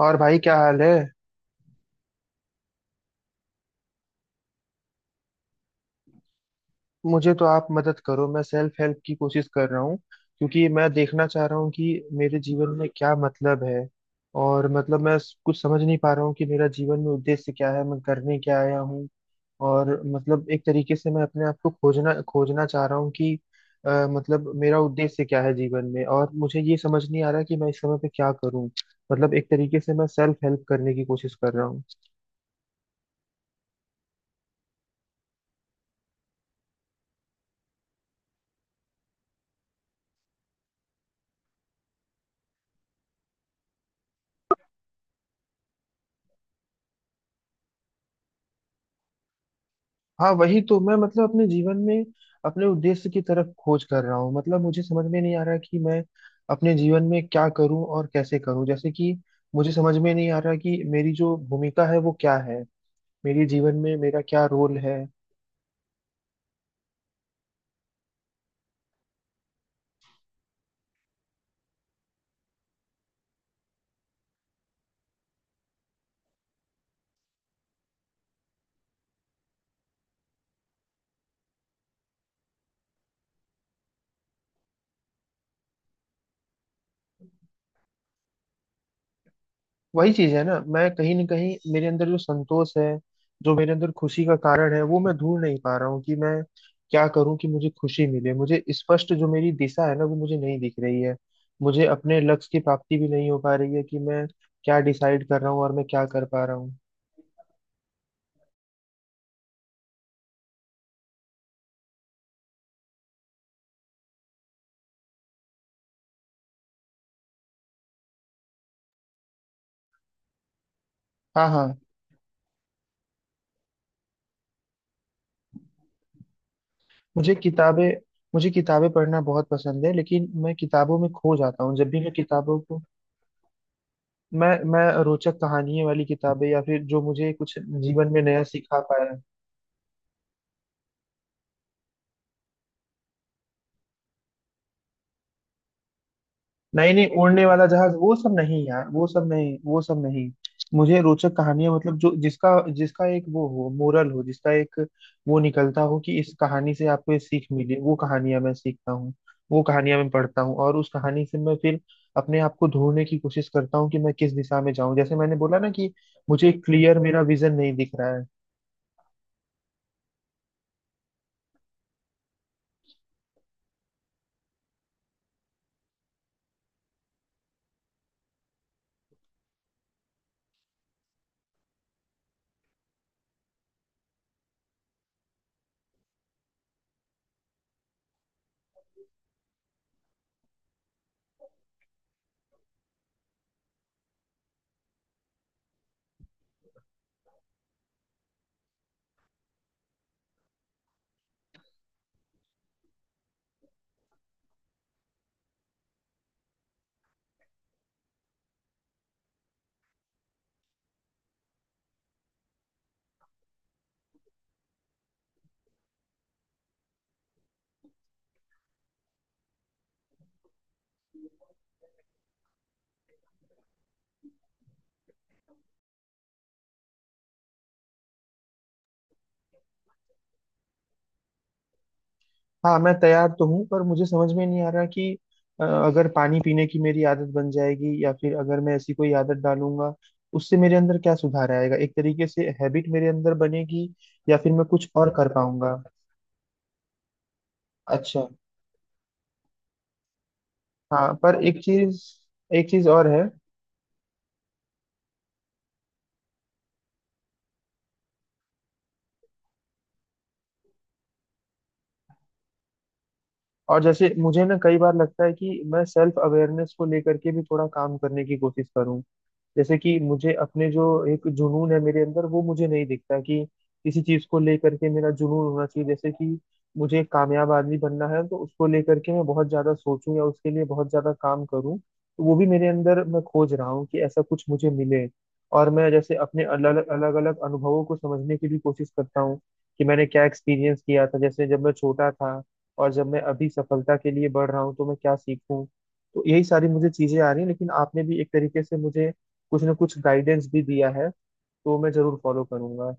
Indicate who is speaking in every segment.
Speaker 1: और भाई क्या हाल है? मुझे तो आप मदद करो। मैं सेल्फ हेल्प की कोशिश कर रहा हूँ क्योंकि मैं देखना चाह रहा हूँ कि मेरे जीवन में क्या मतलब है। और मतलब मैं कुछ समझ नहीं पा रहा हूँ कि मेरा जीवन में उद्देश्य क्या है, मैं करने क्या आया हूँ। और मतलब एक तरीके से मैं अपने आप को खोजना खोजना चाह रहा हूँ कि मतलब मेरा उद्देश्य क्या है जीवन में। और मुझे ये समझ नहीं आ रहा कि मैं इस समय पे क्या करूँ। मतलब एक तरीके से मैं सेल्फ हेल्प करने की कोशिश कर रहा हूँ। हाँ, वही तो मैं मतलब अपने जीवन में अपने उद्देश्य की तरफ खोज कर रहा हूँ। मतलब मुझे समझ में नहीं आ रहा कि मैं अपने जीवन में क्या करूँ और कैसे करूँ। जैसे कि मुझे समझ में नहीं आ रहा कि मेरी जो भूमिका है वो क्या है, मेरे जीवन में मेरा क्या रोल है। वही चीज है ना, मैं कहीं ना कहीं मेरे अंदर जो संतोष है, जो मेरे अंदर खुशी का कारण है वो मैं ढूंढ नहीं पा रहा हूँ कि मैं क्या करूँ कि मुझे खुशी मिले। मुझे स्पष्ट जो मेरी दिशा है ना वो मुझे नहीं दिख रही है। मुझे अपने लक्ष्य की प्राप्ति भी नहीं हो पा रही है कि मैं क्या डिसाइड कर रहा हूँ और मैं क्या कर पा रहा हूँ। हाँ हाँ। मुझे किताबें मुझे किताबें पढ़ना बहुत पसंद है, लेकिन मैं किताबों में खो जाता हूँ जब भी मैं किताबों को। मैं रोचक कहानियां वाली किताबें या फिर जो मुझे कुछ जीवन में नया सिखा पाया। नहीं नहीं, उड़ने वाला जहाज वो सब नहीं यार, वो सब नहीं, वो सब नहीं। मुझे रोचक कहानियां मतलब जो जिसका जिसका एक वो हो, मोरल हो, जिसका एक वो निकलता हो कि इस कहानी से आपको ये सीख मिली, वो कहानियां मैं सीखता हूँ। वो कहानियां मैं पढ़ता हूँ और उस कहानी से मैं फिर अपने आप को ढूंढने की कोशिश करता हूँ कि मैं किस दिशा में जाऊं। जैसे मैंने बोला ना कि मुझे क्लियर मेरा विजन नहीं दिख रहा है। हाँ, मैं तैयार तो हूँ पर मुझे समझ में नहीं आ रहा कि अगर पानी पीने की मेरी आदत बन जाएगी या फिर अगर मैं ऐसी कोई आदत डालूंगा, उससे मेरे अंदर क्या सुधार आएगा? एक तरीके से हैबिट मेरे अंदर बनेगी या फिर मैं कुछ और कर पाऊंगा? अच्छा। हाँ, पर एक चीज, एक चीज और है। और जैसे मुझे ना कई बार लगता है कि मैं सेल्फ अवेयरनेस को लेकर के भी थोड़ा काम करने की कोशिश करूँ। जैसे कि मुझे अपने जो एक जुनून है मेरे अंदर वो मुझे नहीं दिखता कि किसी चीज को लेकर के मेरा जुनून होना चाहिए। जैसे कि मुझे एक कामयाब आदमी बनना है तो उसको लेकर के मैं बहुत ज्यादा सोचूं या उसके लिए बहुत ज्यादा काम करूं, तो वो भी मेरे अंदर मैं खोज रहा हूँ कि ऐसा कुछ मुझे मिले। और मैं जैसे अपने अलग अलग अलग अनुभवों को समझने की भी कोशिश करता हूँ कि मैंने क्या एक्सपीरियंस किया था जैसे जब मैं छोटा था, और जब मैं अभी सफलता के लिए बढ़ रहा हूँ तो मैं क्या सीखूं। तो यही सारी मुझे चीजें आ रही हैं, लेकिन आपने भी एक तरीके से मुझे कुछ ना कुछ गाइडेंस भी दिया है, तो मैं जरूर फॉलो करूंगा।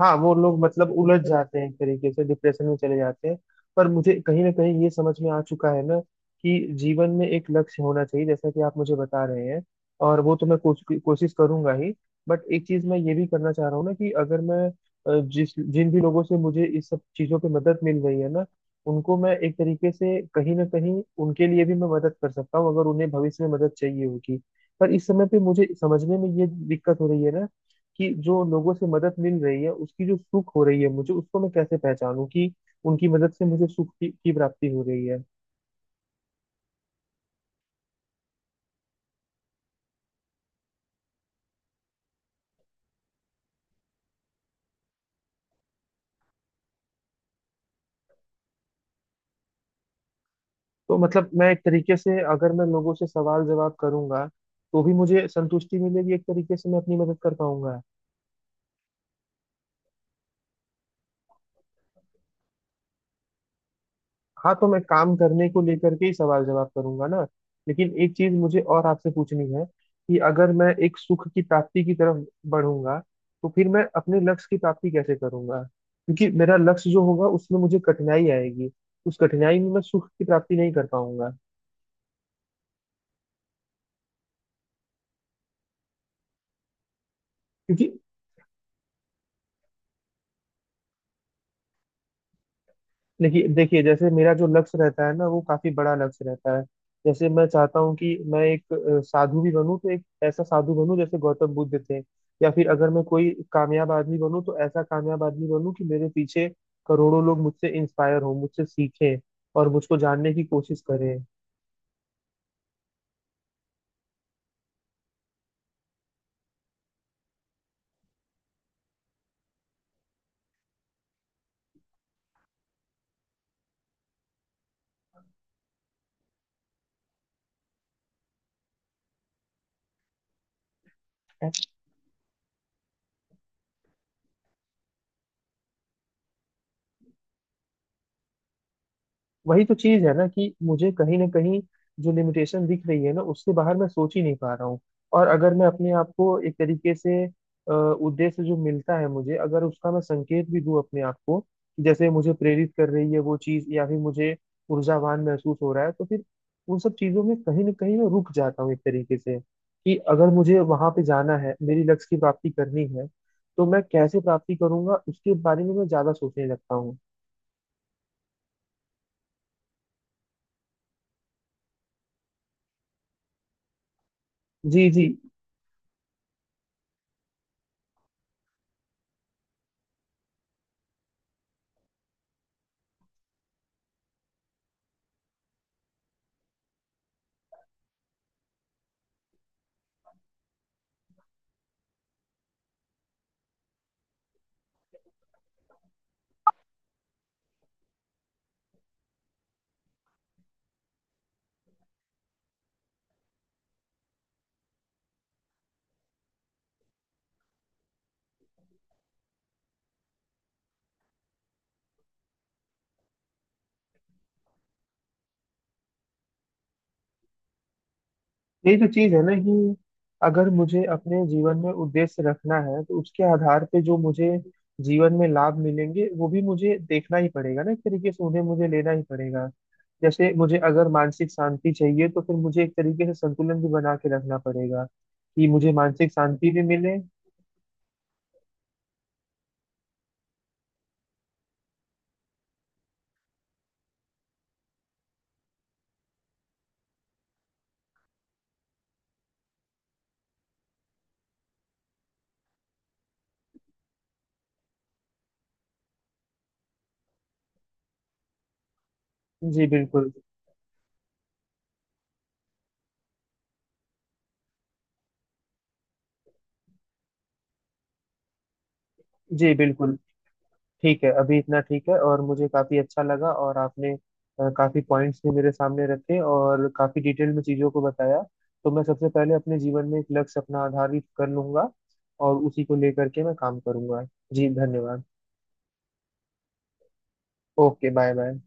Speaker 1: हाँ, वो लोग मतलब उलझ जाते हैं, एक तरीके से डिप्रेशन में चले जाते हैं। पर मुझे कहीं ना कहीं ये समझ में आ चुका है ना कि जीवन में एक लक्ष्य होना चाहिए, जैसा कि आप मुझे बता रहे हैं। और वो तो मैं कोशिश करूंगा ही। बट एक चीज मैं ये भी करना चाह रहा हूँ ना कि अगर मैं जिस जिन भी लोगों से मुझे इस सब चीजों पे मदद मिल रही है ना, उनको मैं एक तरीके से कहीं ना कहीं उनके लिए भी मैं मदद कर सकता हूँ अगर उन्हें भविष्य में मदद चाहिए होगी। पर इस समय पे मुझे समझने में ये दिक्कत हो रही है ना कि जो लोगों से मदद मिल रही है उसकी जो सुख हो रही है मुझे, उसको मैं कैसे पहचानूं कि उनकी मदद से मुझे सुख की प्राप्ति हो रही है। तो मतलब मैं एक तरीके से अगर मैं लोगों से सवाल जवाब करूंगा तो भी मुझे संतुष्टि मिलेगी, एक तरीके से मैं अपनी मदद कर पाऊंगा। हाँ, तो मैं काम करने को लेकर के ही सवाल जवाब करूंगा ना। लेकिन एक चीज मुझे और आपसे पूछनी है कि अगर मैं एक सुख की प्राप्ति की तरफ बढ़ूंगा तो फिर मैं अपने लक्ष्य की प्राप्ति कैसे करूंगा? क्योंकि मेरा लक्ष्य जो होगा उसमें मुझे कठिनाई आएगी, उस कठिनाई में मैं सुख की प्राप्ति नहीं कर पाऊंगा। क्योंकि देखिए देखिए, जैसे मेरा जो लक्ष्य रहता है ना वो काफी बड़ा लक्ष्य रहता है। जैसे मैं चाहता हूँ कि मैं एक साधु भी बनूं तो एक ऐसा साधु बनूं जैसे गौतम बुद्ध थे। या फिर अगर मैं कोई कामयाब आदमी बनूं तो ऐसा कामयाब आदमी बनूं कि मेरे पीछे करोड़ों लोग मुझसे इंस्पायर हों, मुझसे सीखें, और मुझको जानने की कोशिश करें। वही तो चीज है ना कि मुझे कहीं ना कहीं जो लिमिटेशन दिख रही है ना, उससे बाहर मैं सोच ही नहीं पा रहा हूँ। और अगर मैं अपने आप को एक तरीके से उद्देश्य जो मिलता है मुझे, अगर उसका मैं संकेत भी दूं अपने आप को कि जैसे मुझे प्रेरित कर रही है वो चीज या फिर मुझे ऊर्जावान महसूस हो रहा है, तो फिर उन सब चीजों में कहीं ना कहीं मैं रुक जाता हूँ एक तरीके से कि अगर मुझे वहां पे जाना है, मेरी लक्ष्य की प्राप्ति करनी है, तो मैं कैसे प्राप्ति करूंगा उसके बारे में मैं ज्यादा सोचने लगता हूँ। जी जी। यही तो चीज है ना कि अगर मुझे अपने जीवन में उद्देश्य रखना है तो उसके आधार पे जो मुझे जीवन में लाभ मिलेंगे वो भी मुझे देखना ही पड़ेगा ना, एक तरीके से उन्हें मुझे लेना ही पड़ेगा। जैसे मुझे अगर मानसिक शांति चाहिए तो फिर मुझे एक तरीके से संतुलन भी बना के रखना पड़ेगा कि मुझे मानसिक शांति भी मिले। जी बिल्कुल। जी बिल्कुल। ठीक है, अभी इतना ठीक है। और मुझे काफी अच्छा लगा और आपने काफी पॉइंट्स भी मेरे सामने रखे और काफी डिटेल में चीजों को बताया। तो मैं सबसे पहले अपने जीवन में एक लक्ष्य अपना आधारित कर लूंगा, और उसी को लेकर के मैं काम करूंगा। जी धन्यवाद। Okay, bye bye.